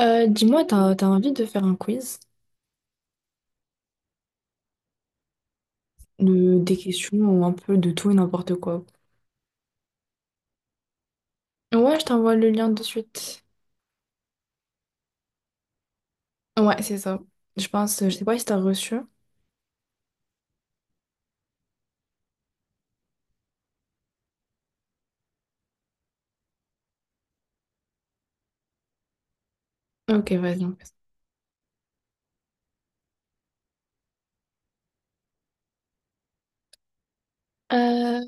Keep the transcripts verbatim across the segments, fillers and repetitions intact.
Euh, dis-moi, t'as, t'as envie de faire un quiz de, des questions un peu de tout et n'importe quoi. Ouais, je t'envoie le lien de suite. Ouais, c'est ça. Je pense, je sais pas si t'as reçu. Ok, vas-y. On fait ça. Euh,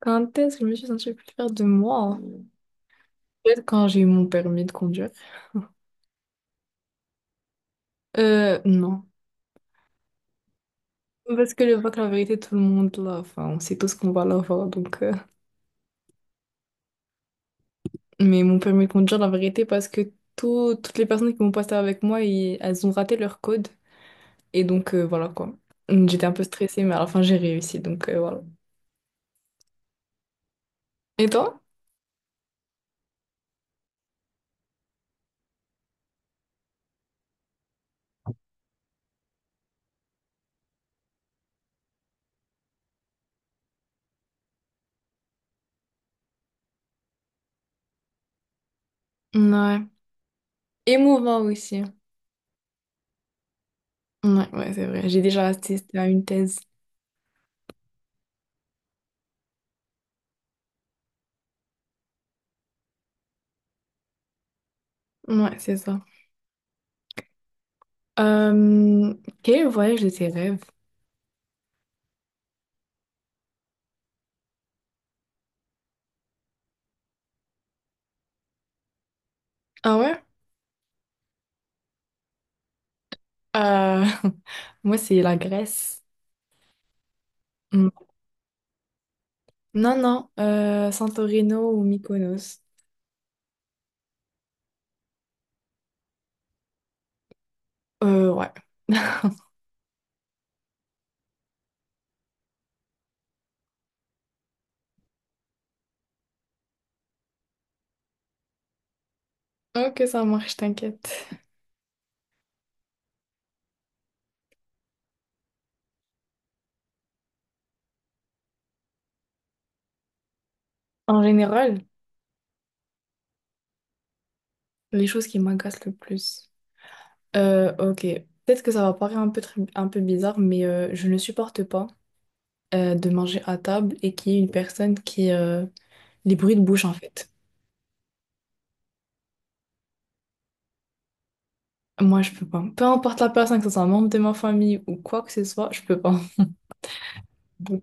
Quand est-ce que je me suis sentie plus fière de moi? Peut-être quand j'ai eu mon permis de conduire. Euh, non. Parce que le bac, la vérité, tout le monde l'a. Enfin, on sait tous qu'on va l'avoir, donc... euh. Mais mon permis de conduire, la vérité, parce que tout- toutes les personnes qui m'ont passé avec moi, ils- elles ont raté leur code. Et donc, euh, voilà quoi. J'étais un peu stressée, mais à la fin, j'ai réussi. Donc, euh, voilà. Et toi? Ouais, émouvant aussi. Ouais, ouais, c'est vrai. J'ai déjà assisté à une thèse. Ouais, c'est ça. Euh, Quel voyage de tes rêves? Ah ouais? Euh, Moi, c'est la Grèce. Mm. Non, non, euh, Santorino ou Mykonos. Euh, ouais. Ok, ça marche, t'inquiète. En général, les choses qui m'agacent le plus. Euh, ok. Peut-être que ça va paraître un peu, tr- un peu bizarre, mais euh, je ne supporte pas euh, de manger à table et qu'il y ait une personne qui... euh, les bruits de bouche, en fait. Moi, je peux pas. Peu importe la personne, que ce soit un membre de ma famille ou quoi que ce soit, je peux pas. Donc,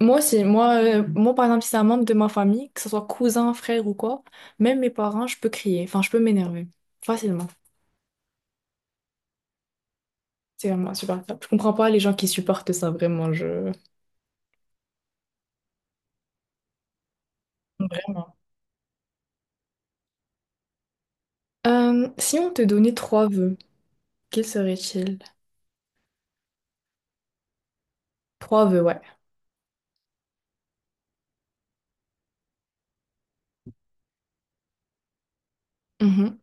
moi aussi, moi, euh, moi, par exemple, si c'est un membre de ma famille, que ce soit cousin, frère ou quoi, même mes parents, je peux crier. Enfin, je peux m'énerver. Facilement. C'est vraiment insupportable. Je comprends pas les gens qui supportent ça, vraiment. Je... Vraiment. Euh, si on te donnait trois vœux, quels seraient-ils? Trois vœux, ouais. Mhm.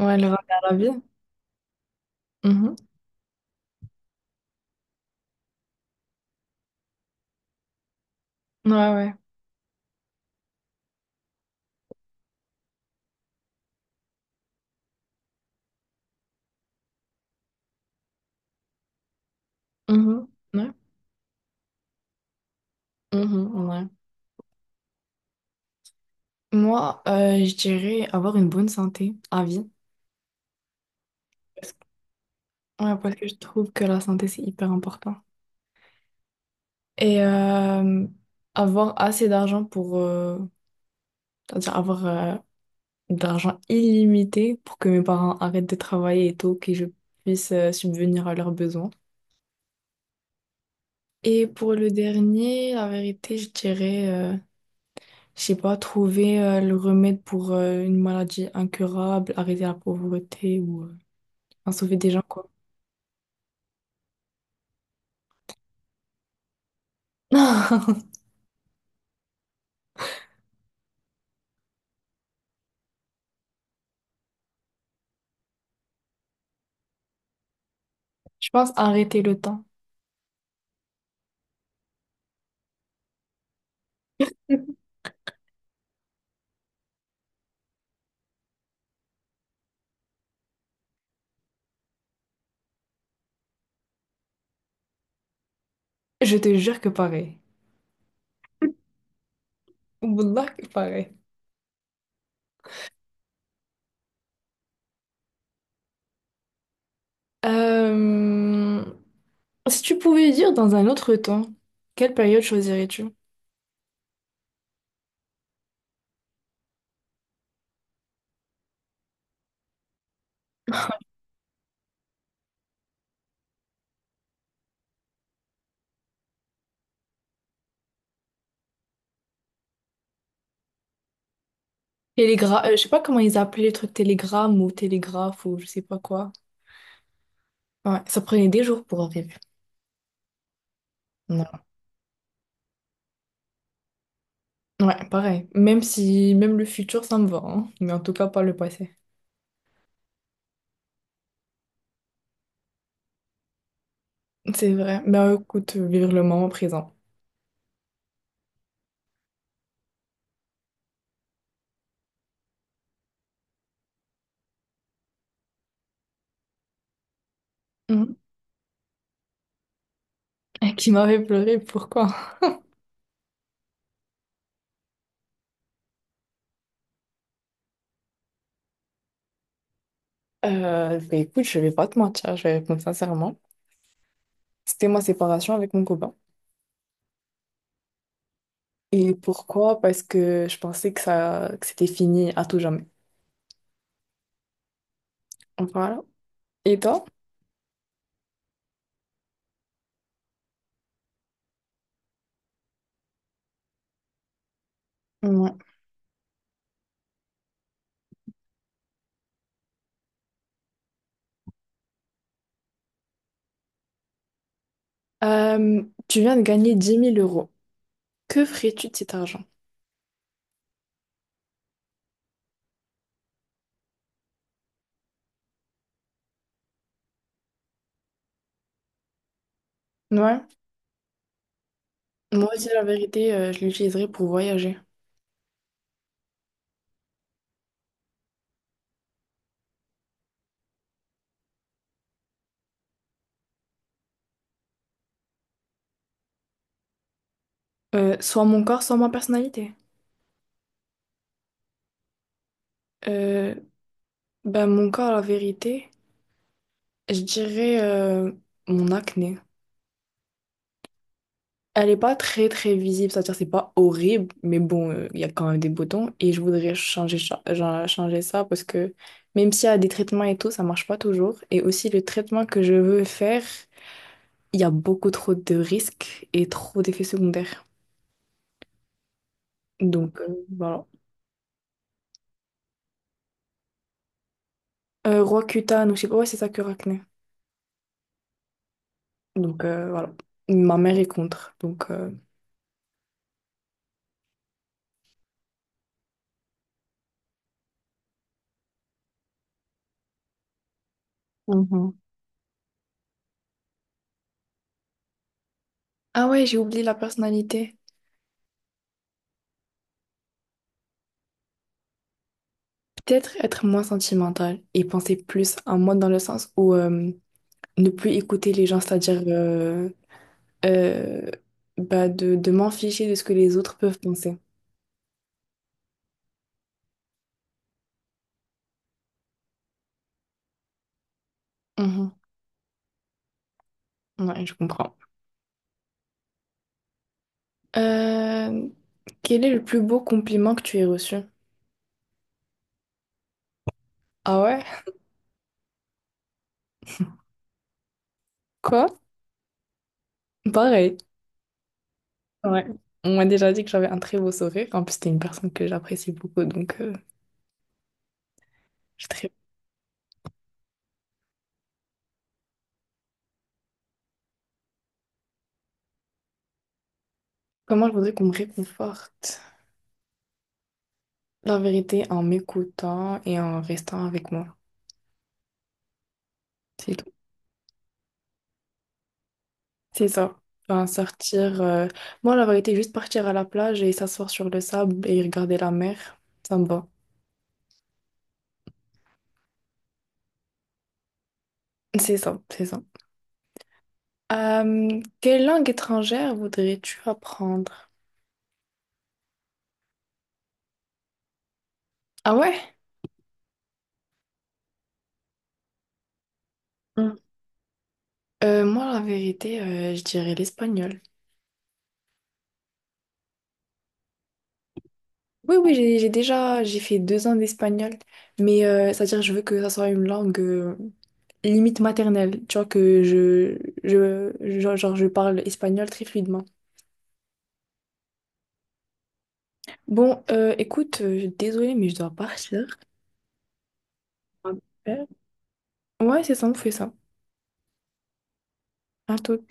Ouais, le regard à la vie. Mhm. Ouais, ouais. Mhm. Ouais. Mhm. Ouais. Moi, euh, je dirais avoir une bonne santé à vie. Parce que- Ouais, parce que je trouve que la santé, c'est hyper important. Et euh, avoir assez d'argent pour... euh, c'est-à-dire avoir euh, de l'argent illimité pour que mes parents arrêtent de travailler et tout, que je puisse euh, subvenir à leurs besoins. Et pour le dernier, la vérité, je dirais... euh, Je sais pas, trouver euh, le remède pour euh, une maladie incurable, arrêter la pauvreté ou euh, enfin, sauver des gens, quoi. Je pense arrêter le temps. Je te jure que pareil. Wallah que pareil. Euh, Si tu pouvais dire dans un autre temps, quelle période choisirais-tu? Télégra euh, Je sais pas comment ils appelaient le truc télégramme ou télégraphe ou je sais pas quoi. Ouais, ça prenait des jours pour arriver. Non. Ouais, pareil. Même si, même le futur, ça me va, hein. Mais en tout cas, pas le passé. C'est vrai. Ben écoute, vivre le moment présent. Mhm. Et qui m'avait pleuré, pourquoi? Euh, ben écoute, je vais pas te mentir, je vais répondre sincèrement. C'était ma séparation avec mon copain. Et pourquoi? Parce que je pensais que ça, que c'était fini à tout jamais. Voilà. Et toi? Ouais. Euh, Tu viens de gagner dix mille euros. Que ferais-tu de cet argent? Ouais. Moi aussi, la vérité, euh, je l'utiliserais pour voyager. Euh, soit mon corps, soit ma personnalité. Euh, ben mon corps, la vérité. Je dirais euh, mon acné. Elle est pas très très visible, c'est-à-dire c'est pas horrible, mais bon, euh, il y a quand même des boutons et je voudrais changer, cha- genre, changer ça parce que même s'il y a des traitements et tout, ça marche pas toujours. Et aussi le traitement que je veux faire, il y a beaucoup trop de risques et trop d'effets secondaires. Donc, euh, voilà. Euh, Roaccutane, ou je sais pas, ouais, c'est ça que acné. Donc, euh, voilà. Ma mère est contre. Donc euh, Mhm. Ah ouais, j'ai oublié la personnalité. Peut-être être moins sentimental et penser plus à moi dans le sens où euh, ne plus écouter les gens, c'est-à-dire euh, euh, bah de, de m'en ficher de ce que les autres peuvent penser. Mhm. Ouais, je comprends. Euh, Quel est le plus beau compliment que tu aies reçu? Ah ouais? Quoi? Pareil. Ouais. On m'a déjà dit que j'avais un très beau sourire. En plus, t'es une personne que j'apprécie beaucoup, donc euh, je suis très... Comment je voudrais qu'on me réconforte? La vérité, en m'écoutant et en restant avec moi. C'est tout. C'est ça. Enfin, sortir. euh, Moi, la vérité, juste partir à la plage et s'asseoir sur le sable et regarder la mer, ça me va. C'est ça, c'est ça. Euh, quelle langue étrangère voudrais-tu apprendre? Ah ouais? Hmm. Euh, moi, la vérité, euh, je dirais l'espagnol. Oui, oui, j'ai j'ai déjà, j'ai fait deux ans d'espagnol, mais euh, c'est-à-dire je veux que ça soit une langue euh, limite maternelle, tu vois, que je, je, je- genre, je parle espagnol très fluidement. Bon, euh, écoute, euh, désolée, mais je dois partir. Ouais, c'est ça, on fait ça. À tout.